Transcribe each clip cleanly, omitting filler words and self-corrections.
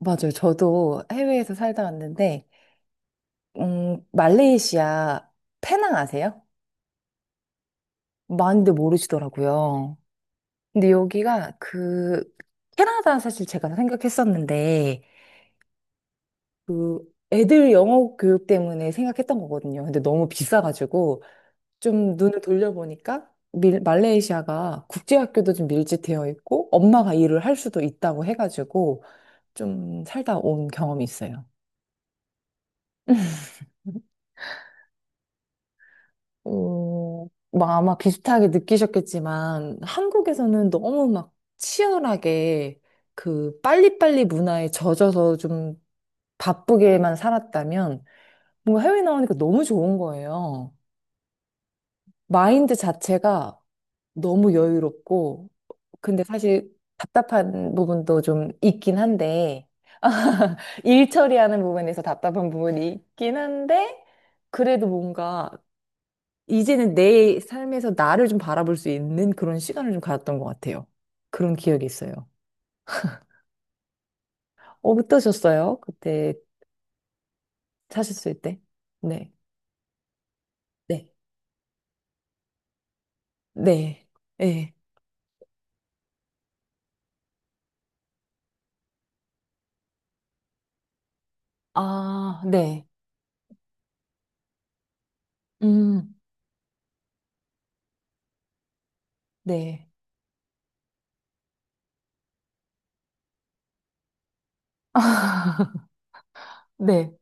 맞아요. 저도 해외에서 살다 왔는데, 말레이시아 페낭 아세요? 많이들 모르시더라고요. 근데 여기가 캐나다 사실 제가 생각했었는데, 그 애들 영어 교육 때문에 생각했던 거거든요. 근데 너무 비싸가지고, 좀 눈을 돌려보니까, 말레이시아가 국제학교도 좀 밀집되어 있고, 엄마가 일을 할 수도 있다고 해가지고, 좀 살다 온 경험이 있어요. 어, 막 아마 비슷하게 느끼셨겠지만 한국에서는 너무 막 치열하게 그 빨리빨리 문화에 젖어서 좀 바쁘게만 살았다면 뭔가 해외 나오니까 너무 좋은 거예요. 마인드 자체가 너무 여유롭고 근데 사실 답답한 부분도 좀 있긴 한데 일 처리하는 부분에서 답답한 부분이 있긴 한데 그래도 뭔가 이제는 내 삶에서 나를 좀 바라볼 수 있는 그런 시간을 좀 가졌던 것 같아요. 그런 기억이 있어요. 어떠셨어요? 그때 사셨을 때? 네. 네. 네. 네. 아, 네. 음, 네. 네.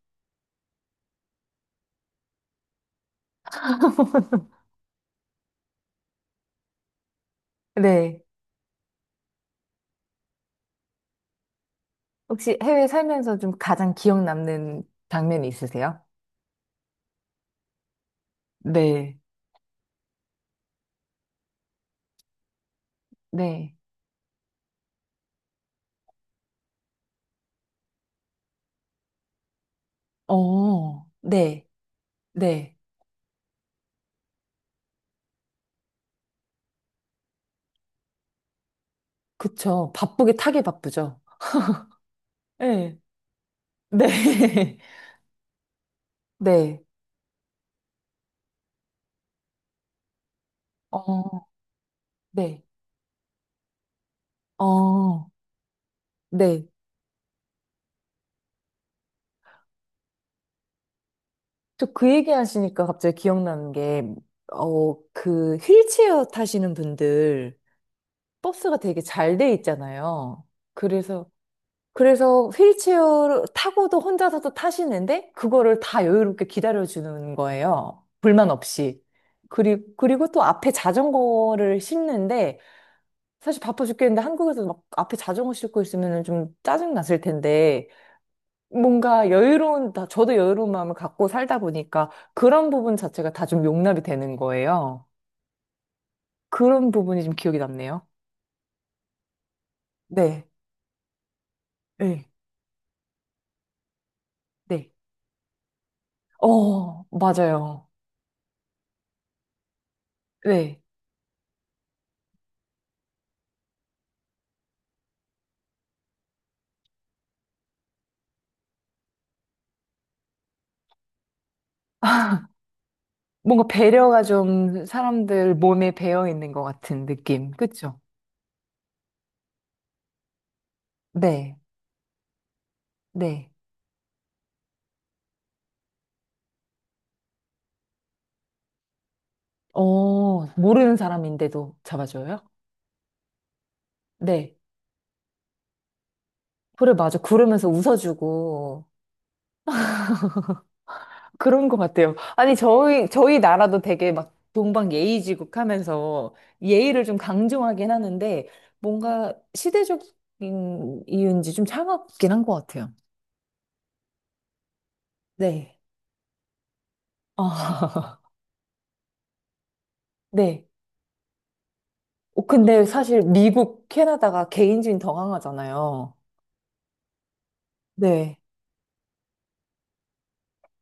네. 혹시 해외 살면서 좀 가장 기억 남는 장면이 있으세요? 네. 네. 어, 네. 네. 그쵸. 바쁘게 타게 바쁘죠. 네. 네. 네. 어, 네. 어, 네. 저 그 얘기 하시니까 갑자기 기억나는 게, 그 휠체어 타시는 분들 버스가 되게 잘 돼 있잖아요. 그래서, 그래서, 휠체어 타고도 혼자서도 타시는데, 그거를 다 여유롭게 기다려주는 거예요. 불만 없이. 그리고, 또 앞에 자전거를 싣는데, 사실 바빠 죽겠는데 한국에서 막 앞에 자전거 싣고 있으면 좀 짜증 났을 텐데, 뭔가 여유로운, 저도 여유로운 마음을 갖고 살다 보니까 그런 부분 자체가 다 좀 용납이 되는 거예요. 그런 부분이 좀 기억이 남네요. 네, 네. 네, 어, 맞아요. 네. 뭔가 배려가 좀 사람들 몸에 배어 있는 것 같은 느낌. 그쵸? 네, 네, 모르는 사람인데도 잡아줘요? 네. 그래, 맞아. 구르면서 웃어주고, 그런 것 같아요. 아니, 저희 나라도 되게 막 동방 예의지국 하면서 예의를 좀 강조하긴 하는데 뭔가 시대적인 이유인지 좀 차갑긴 한 것 같아요. 네. 아, 네. 근데 사실 미국, 캐나다가 개인주의는 더 강하잖아요. 네.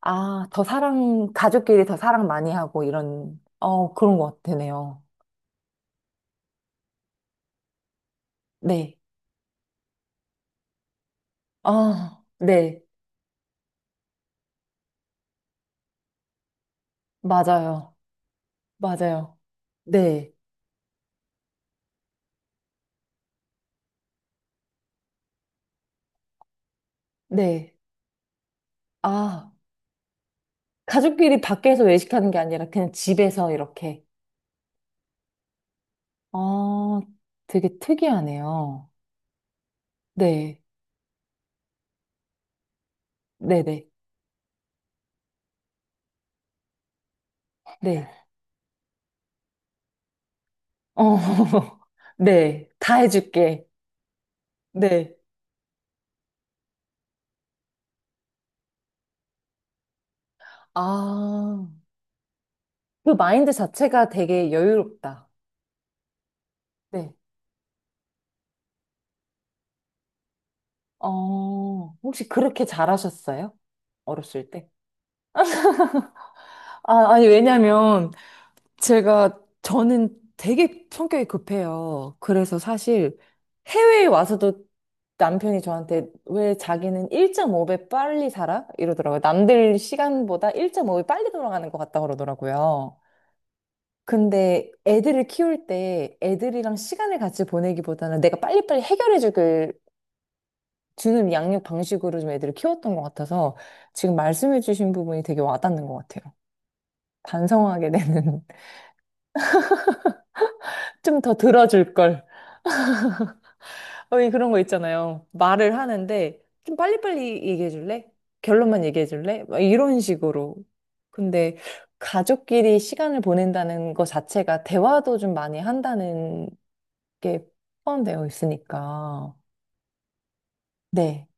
아, 더 사랑, 가족끼리 더 사랑 많이 하고 이런, 그런 것 같으네요. 네. 아, 네. 맞아요. 맞아요. 네. 네. 아, 가족끼리 밖에서 외식하는 게 아니라 그냥 집에서 이렇게. 아, 되게 특이하네요. 네, 네네, 네. 네. 어, 네, 다 해줄게. 네. 아, 그 마인드 자체가 되게 여유롭다. 네. 어, 혹시 그렇게 잘하셨어요? 어렸을 때? 아, 아니, 왜냐면, 제가 저는 되게 성격이 급해요. 그래서 사실 해외에 와서도 남편이 저한테 왜 자기는 1.5배 빨리 살아? 이러더라고요. 남들 시간보다 1.5배 빨리 돌아가는 것 같다 그러더라고요. 근데 애들을 키울 때 애들이랑 시간을 같이 보내기보다는 내가 빨리빨리 해결해 주길 주는 양육 방식으로 좀 애들을 키웠던 것 같아서 지금 말씀해 주신 부분이 되게 와닿는 것 같아요. 반성하게 되는 좀 더 들어줄 걸. 왜 그런 거 있잖아요. 말을 하는데 좀 빨리빨리 얘기해 줄래? 결론만 얘기해 줄래? 막 이런 식으로. 근데 가족끼리 시간을 보낸다는 것 자체가 대화도 좀 많이 한다는 게 포함되어 있으니까. 네.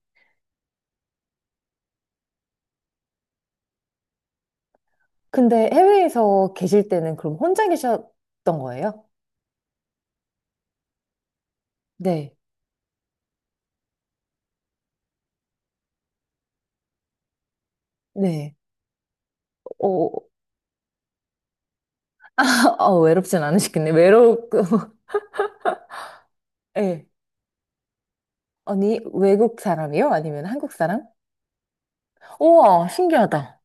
근데 해외에서 계실 때는 그럼 혼자 계셨던 거예요? 네. 네. 어, 외롭진 않으시겠네. 네. 아니, 외국 사람이요? 아니면 한국 사람? 우와, 신기하다.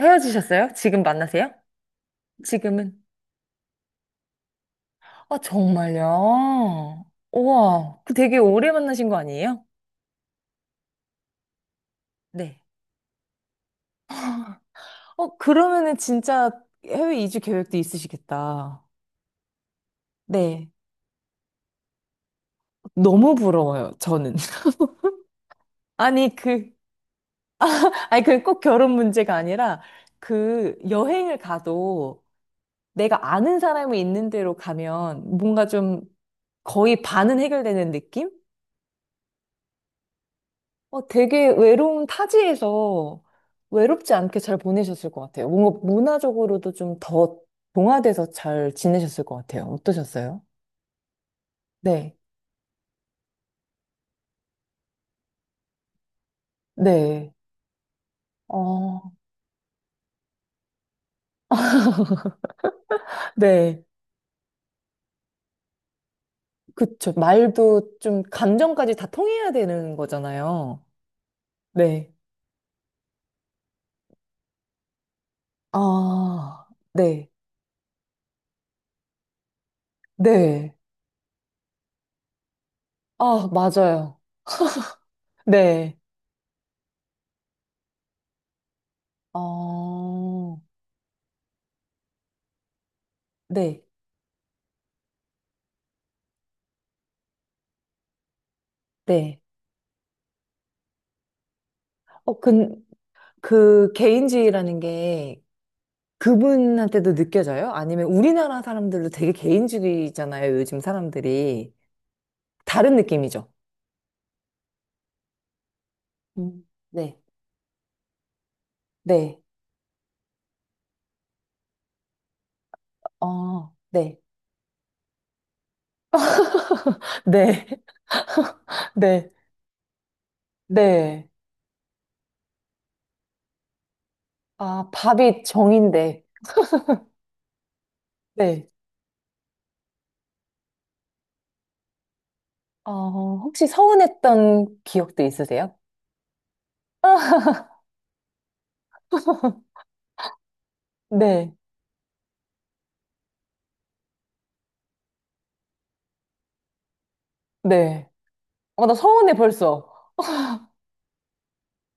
헤어지셨어요? 지금 만나세요? 지금은? 아, 정말요? 우와, 되게 오래 만나신 거 아니에요? 네. 그러면은 진짜 해외 이주 계획도 있으시겠다. 네. 너무 부러워요, 저는. 아니, 그, 아니, 그 꼭 결혼 문제가 아니라 그 여행을 가도 내가 아는 사람이 있는 데로 가면 뭔가 좀 거의 반은 해결되는 느낌? 되게 외로운 타지에서 외롭지 않게 잘 보내셨을 것 같아요. 뭔가 문화적으로도 좀 더 동화돼서 잘 지내셨을 것 같아요. 어떠셨어요? 네. 네. 어, 네. 그쵸. 말도 좀 감정까지 다 통해야 되는 거잖아요. 네. 아, 네. 네. 아, 맞아요. 네. 어, 네. 네. 어, 그, 그 개인주의라는 게 그분한테도 느껴져요? 아니면 우리나라 사람들도 되게 개인주의잖아요, 요즘 사람들이. 다른 느낌이죠? 네, 네, 어, 네, 네, 네. 네. 아, 밥이 정인데, 네. 어, 혹시 서운했던 기억도 있으세요? 네, 네. 나 서운해, 벌써.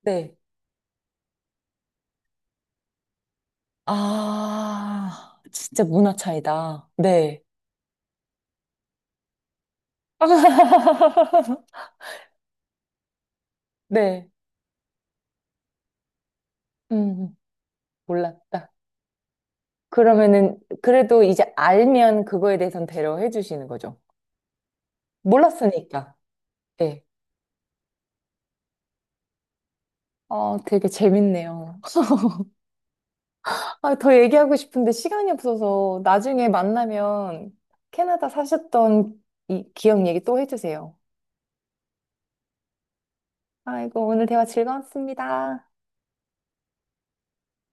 네. 아, 진짜 문화 차이다. 네. 네, 음, 음. 몰랐다. 그러면은 그래도 이제 알면 그거에 대해선 배려해 주시는 거죠. 몰랐으니까. 네. 되게 재밌네요. 아, 더 얘기하고 싶은데 시간이 없어서 나중에 만나면 캐나다 사셨던 이 기억 얘기 또 해주세요. 아이고, 오늘 대화 즐거웠습니다.